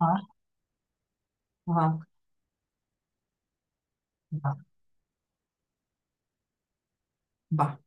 Ah, ajá, ajá, va.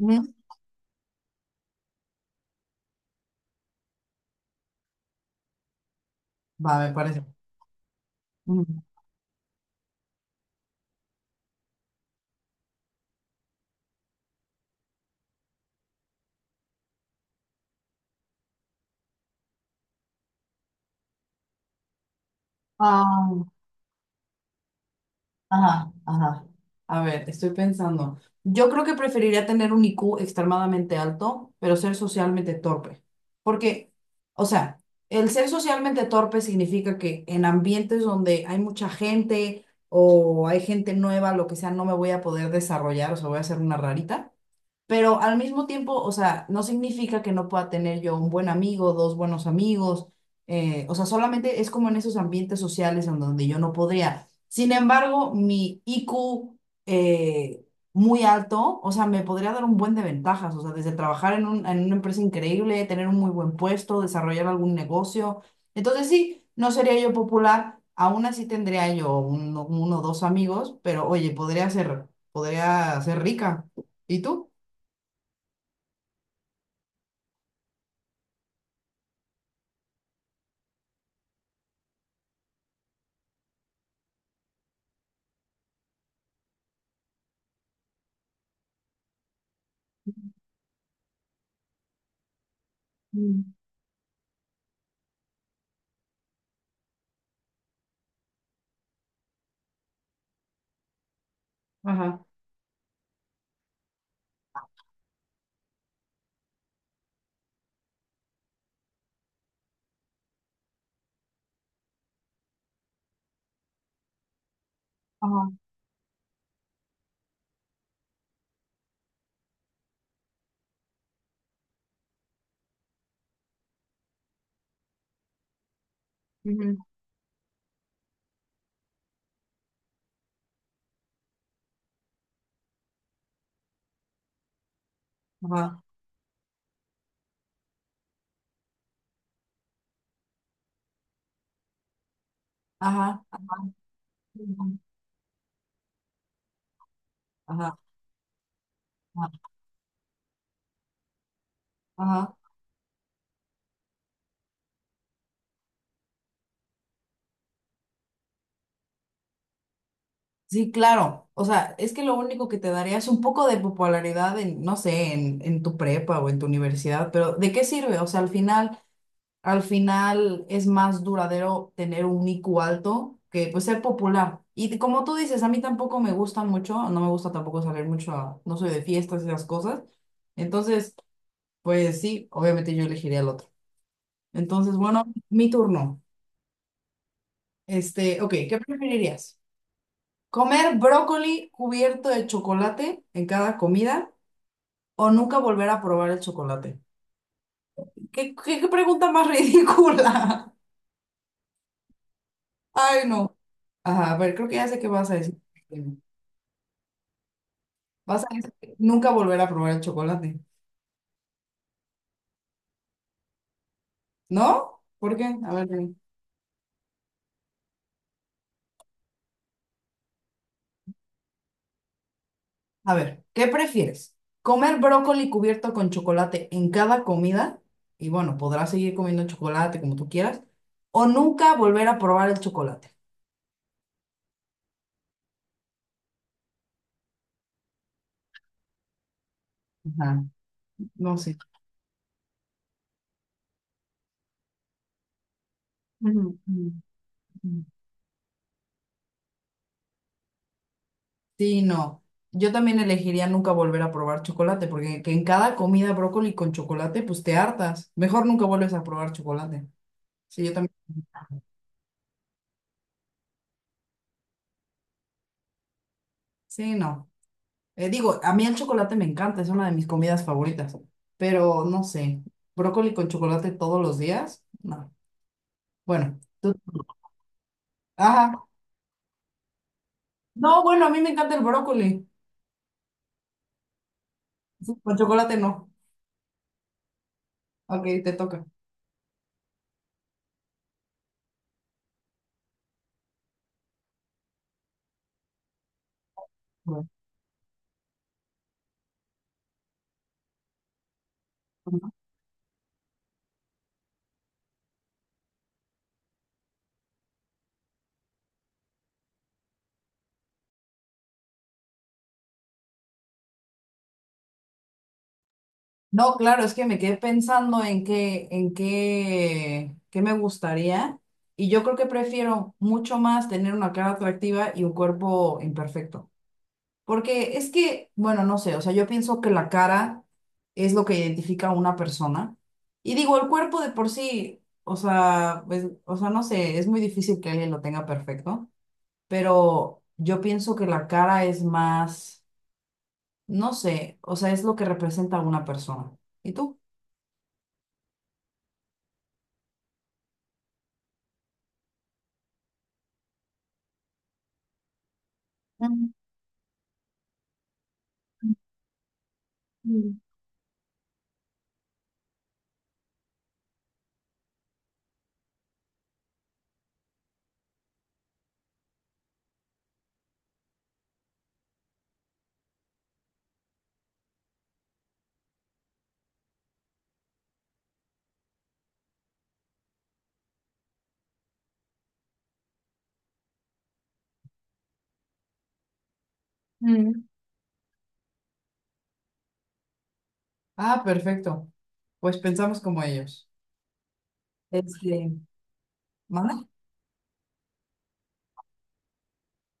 Mm. Va, me parece. Mm. Ah, ajá, ajá. A ver, estoy pensando. Yo creo que preferiría tener un IQ extremadamente alto, pero ser socialmente torpe. Porque, o sea, el ser socialmente torpe significa que en ambientes donde hay mucha gente o hay gente nueva, lo que sea, no me voy a poder desarrollar, o sea, voy a ser una rarita. Pero al mismo tiempo, o sea, no significa que no pueda tener yo un buen amigo, dos buenos amigos, o sea, solamente es como en esos ambientes sociales en donde yo no podría. Sin embargo, mi IQ eh, muy alto, o sea, me podría dar un buen de ventajas, o sea, desde trabajar en en una empresa increíble, tener un muy buen puesto, desarrollar algún negocio. Entonces sí, no sería yo popular, aún así tendría yo uno o dos amigos, pero oye, podría ser rica. ¿Y tú? Mm. Ajá, ajá, ujú, ajá, ajá, ujú, ajá, ajá, ajá. Sí, claro. O sea, es que lo único que te daría es un poco de popularidad en, no sé, en tu prepa o en tu universidad, pero ¿de qué sirve? O sea, al final es más duradero tener un IQ alto que pues ser popular. Y como tú dices, a mí tampoco me gusta mucho, no me gusta tampoco salir mucho. No soy de fiestas y esas cosas. Entonces, pues sí, obviamente yo elegiría el otro. Entonces, bueno, mi turno. Este, ok, ¿qué preferirías? ¿Comer brócoli cubierto de chocolate en cada comida o nunca volver a probar el chocolate? ¿Qué pregunta más ridícula? Ay, no. Ajá, a ver, creo que ya sé qué vas a decir. Vas a decir que nunca volver a probar el chocolate. ¿No? ¿Por qué? A ver, dime. A ver, ¿qué prefieres? ¿Comer brócoli cubierto con chocolate en cada comida? Y bueno, podrás seguir comiendo chocolate como tú quieras. ¿O nunca volver a probar el chocolate? Ajá. No sé. Ujú, ujú, ujú. Sí, no. Yo también elegiría nunca volver a probar chocolate, porque que en cada comida brócoli con chocolate, pues te hartas. Mejor nunca vuelves a probar chocolate. Sí, yo también. Sí, no. Digo, a mí el chocolate me encanta, es una de mis comidas favoritas, pero no sé, brócoli con chocolate todos los días, no. Bueno, tú. Ajá. No, bueno, a mí me encanta el brócoli. Sí, con chocolate no. Ok, te toca. Bueno. No, claro, es que me quedé pensando en qué me gustaría. Y yo creo que prefiero mucho más tener una cara atractiva y un cuerpo imperfecto. Porque es que, bueno, no sé, o sea, yo pienso que la cara es lo que identifica a una persona. Y digo, el cuerpo de por sí, o sea, pues, o sea, no sé, es muy difícil que alguien lo tenga perfecto. Pero yo pienso que la cara es más, no sé, o sea, es lo que representa a una persona. ¿Y tú? Mm. Ah, perfecto. Pues pensamos como ellos. Este, ¿manda?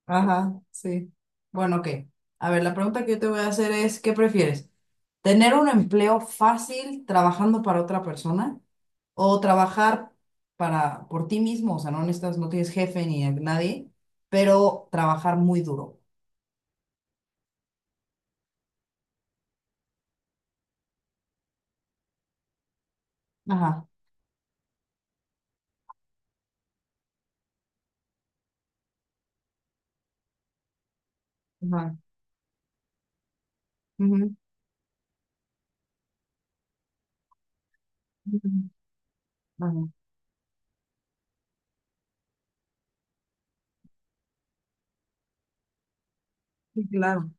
Ajá, sí. Bueno, ok. A ver, la pregunta que yo te voy a hacer es, ¿qué prefieres? ¿Tener un empleo fácil trabajando para otra persona o trabajar para por ti mismo? O sea, no necesitas, no tienes jefe ni a nadie, pero trabajar muy duro. Ajá, ajá. Ujú. Mm. Ajá. Sí, claro.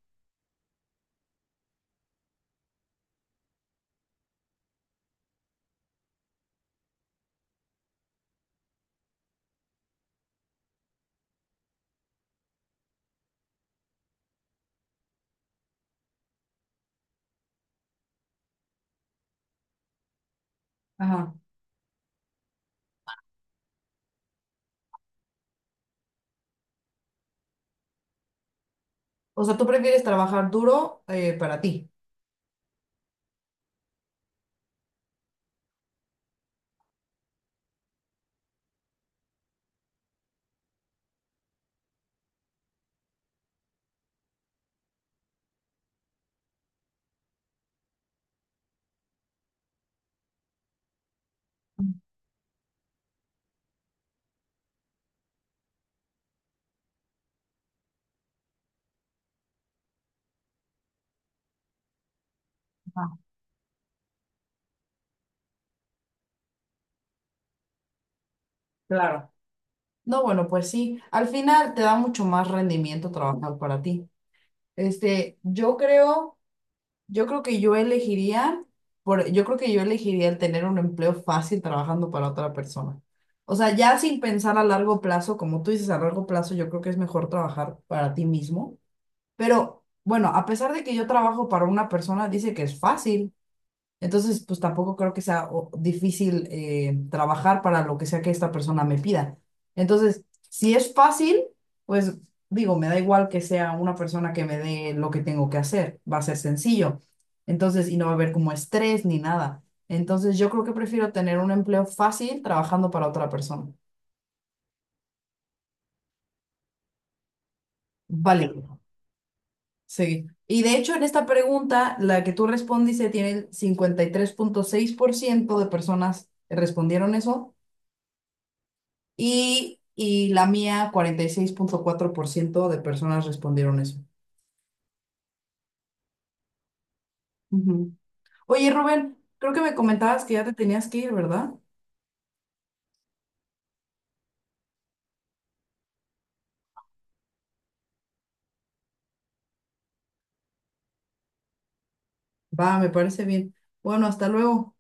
Ajá. O sea, tú prefieres trabajar duro para ti. Ajá. Claro. No, bueno, pues sí, al final te da mucho más rendimiento trabajar para ti. Este, yo creo que yo elegiría, yo creo que yo elegiría el tener un empleo fácil trabajando para otra persona. O sea, ya sin pensar a largo plazo, como tú dices, a largo plazo, yo creo que es mejor trabajar para ti mismo. Pero bueno, a pesar de que yo trabajo para una persona, dice que es fácil. Entonces, pues tampoco creo que sea difícil trabajar para lo que sea que esta persona me pida. Entonces, si es fácil, pues digo, me da igual que sea una persona que me dé lo que tengo que hacer, va a ser sencillo. Entonces, y no va a haber como estrés ni nada. Entonces, yo creo que prefiero tener un empleo fácil trabajando para otra persona. Vale, sí. Y de hecho, en esta pregunta, la que tú respondiste tiene el 53.6% de personas respondieron eso. Y la mía, 46.4% de personas respondieron eso. Ujú. Oye, Rubén, creo que me comentabas que ya te tenías que ir, ¿verdad? Va, me parece bien. Bueno, hasta luego.